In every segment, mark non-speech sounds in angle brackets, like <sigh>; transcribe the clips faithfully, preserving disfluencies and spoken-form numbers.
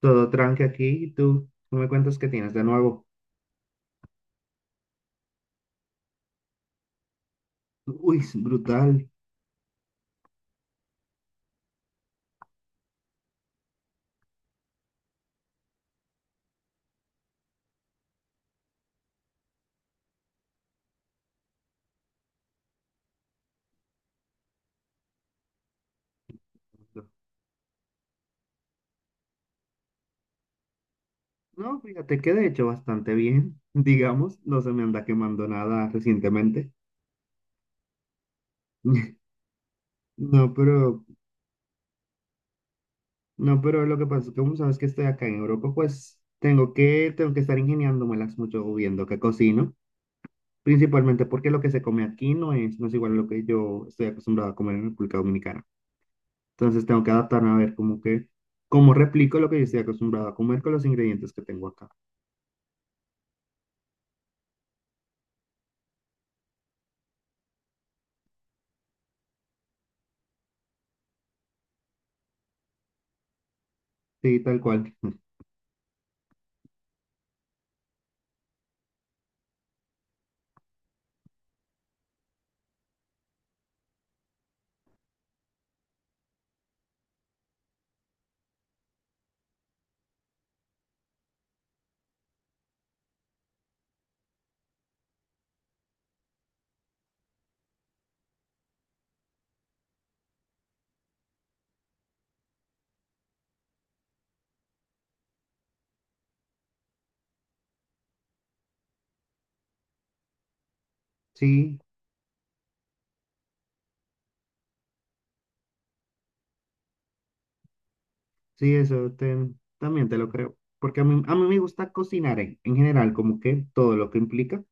Todo tranque aquí. ¿Y tú? ¿Tú me cuentas qué tienes de nuevo? Uy, es brutal. No, fíjate que de hecho bastante bien. <laughs> Digamos, no se me anda quemando nada recientemente. <laughs> No, pero, no, pero lo que pasa es que como sabes que estoy acá en Europa, pues tengo que, tengo que estar ingeniándomelas mucho viendo qué cocino. Principalmente porque lo que se come aquí no es, no es igual a lo que yo estoy acostumbrado a comer en República Dominicana. Entonces tengo que adaptarme a ver como que, cómo replico lo que yo estoy acostumbrado a comer con los ingredientes que tengo acá. Sí, tal cual. Sí, sí, eso te- también te lo creo. Porque a mí, a mí me gusta cocinar en, en general, como que todo lo que implica,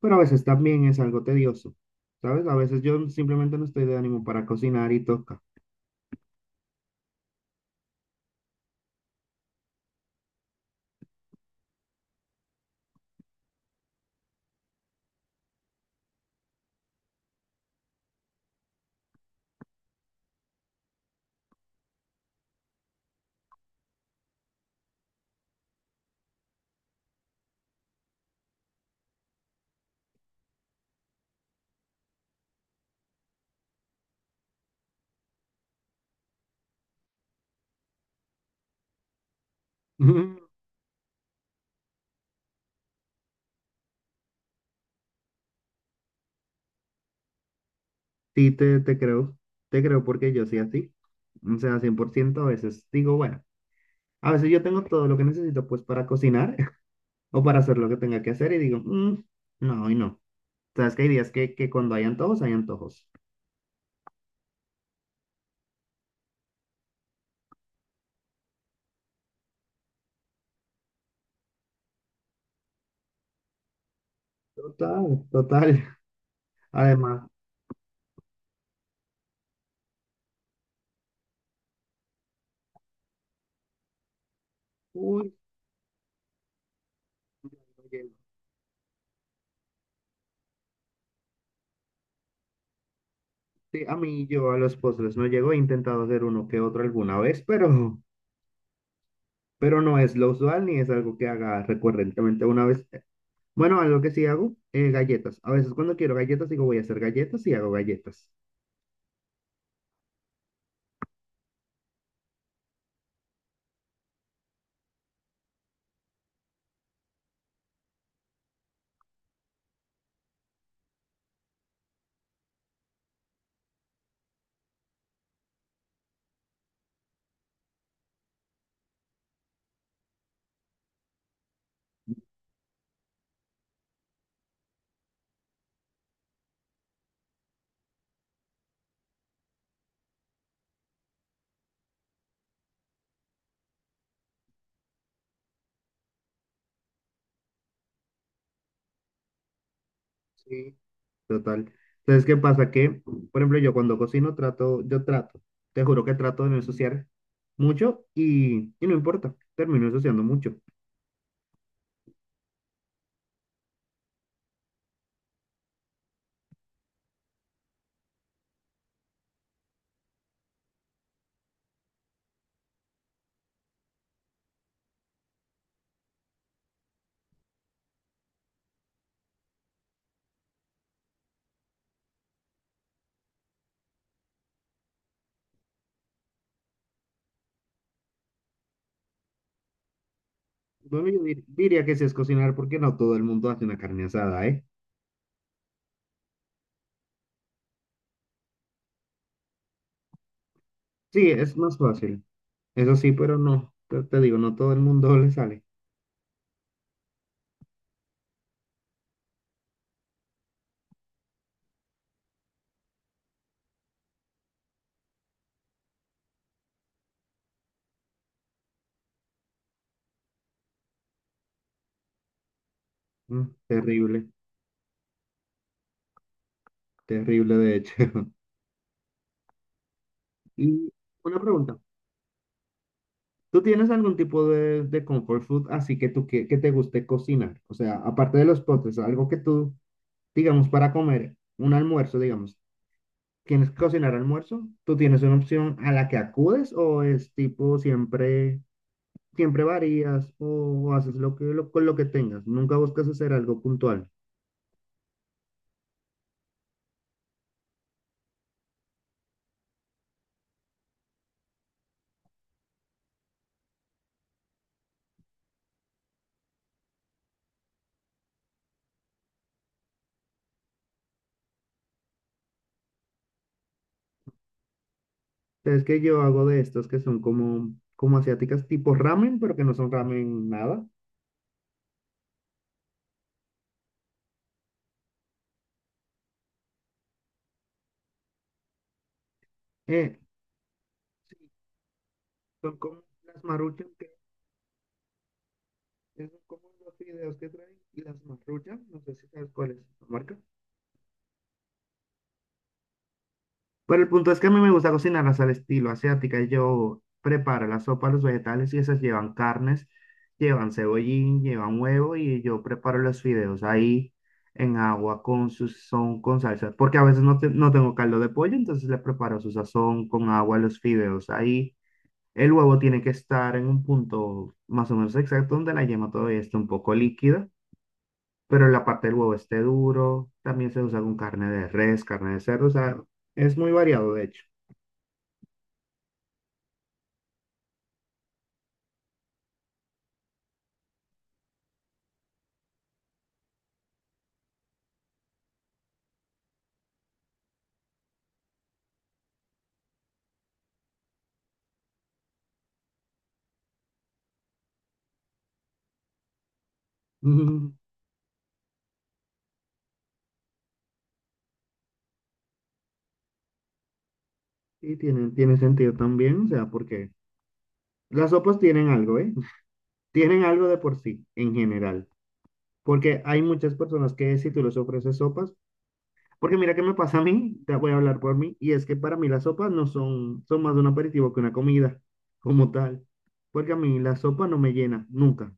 pero a veces también es algo tedioso, ¿sabes? A veces yo simplemente no estoy de ánimo para cocinar y toca. <laughs> Sí, te, te creo, te creo porque yo soy así. O sea, cien por ciento a veces digo, bueno, a veces yo tengo todo lo que necesito pues para cocinar <laughs> o para hacer lo que tenga que hacer y digo, "Mm, no, hoy no. Sabes que hay días que, que cuando hay antojos, hay antojos. Total, total. Además, uy, no llego. Sí, a mí yo a los postres no llego, he intentado hacer uno que otro alguna vez, pero, pero no es lo usual ni es algo que haga recurrentemente una vez. Bueno, algo que sí hago, eh, galletas. A veces cuando quiero galletas digo voy a hacer galletas y hago galletas. Sí. Total. Entonces, ¿qué pasa? Que, por ejemplo, yo cuando cocino trato, yo trato, te juro que trato de no ensuciar mucho y, y no importa, termino ensuciando mucho. Bueno, yo dir- diría que sí es cocinar porque no todo el mundo hace una carne asada, eh. Sí, es más fácil. Eso sí, pero no, te, te digo, no todo el mundo <laughs> le sale. Mm, terrible, terrible de hecho. <laughs> Y una pregunta, ¿tú tienes algún tipo de, de comfort food así que tú que, que te guste cocinar? O sea, aparte de los postres, algo que tú, digamos, para comer un almuerzo, digamos, ¿quieres cocinar almuerzo? ¿Tú tienes una opción a la que acudes o es tipo siempre, siempre varías o haces lo que, lo, con lo que tengas? Nunca buscas hacer algo puntual. Es que yo hago de estos que son como, como asiáticas, tipo ramen, pero que no son ramen nada. Eh, sí, son como las maruchan, que son como los fideos que traen y las maruchan, no sé si sabes cuál es la marca. Pero el punto es que a mí me gusta cocinarlas al estilo asiática. Yo preparo la sopa, los vegetales y esas llevan carnes, llevan cebollín, llevan huevo y yo preparo los fideos ahí en agua con su sazón, con salsa. Porque a veces no, te- no tengo caldo de pollo, entonces le preparo su sazón con agua, los fideos ahí. El huevo tiene que estar en un punto más o menos exacto donde la yema todavía esté un poco líquida, pero la parte del huevo esté duro. También se usa con carne de res, carne de cerdo, o sea, es muy variado de hecho. Mm, sí, tiene, tiene sentido también, o sea, porque las sopas tienen algo, ¿eh? <laughs> Tienen algo de por sí, en general. Porque hay muchas personas que si tú les ofreces sopas, porque mira qué me pasa a mí, te voy a hablar por mí, y es que para mí las sopas no son, son más de un aperitivo que una comida, como tal. Porque a mí la sopa no me llena, nunca.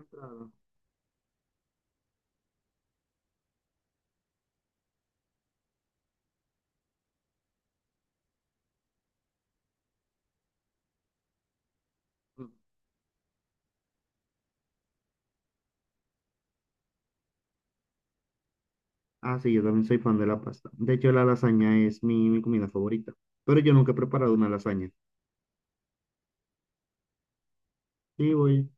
Entrada. Mm. Ah, sí, yo también soy fan de la pasta. De hecho, la lasaña es mi, mi comida favorita, pero yo nunca he preparado una lasaña. Sí, voy.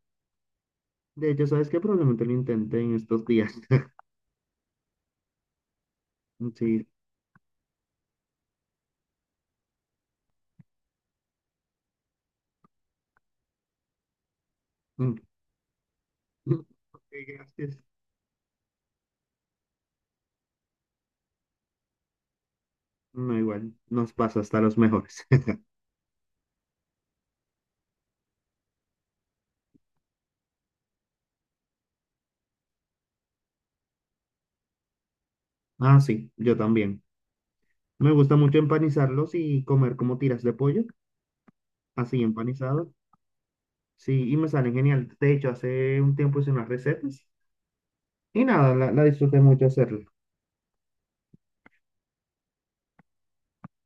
De hecho, ¿sabes qué? Probablemente lo intenté en estos días. <laughs> Mm, sí. Mm. Mm. Ok, gracias. No, igual, nos pasa hasta los mejores. <laughs> Ah, sí, yo también. Me gusta mucho empanizarlos y comer como tiras de pollo, así empanizados. Sí, y me salen genial. De hecho, hace un tiempo hice unas recetas y nada, la, la disfruté mucho hacerlo.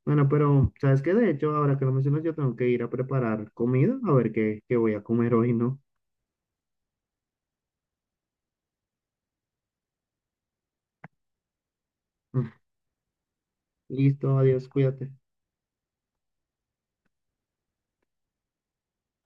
Bueno, pero ¿sabes qué? De hecho, ahora que lo mencionas, yo tengo que ir a preparar comida, a ver qué, qué voy a comer hoy, ¿no? <laughs> Listo, adiós, cuídate.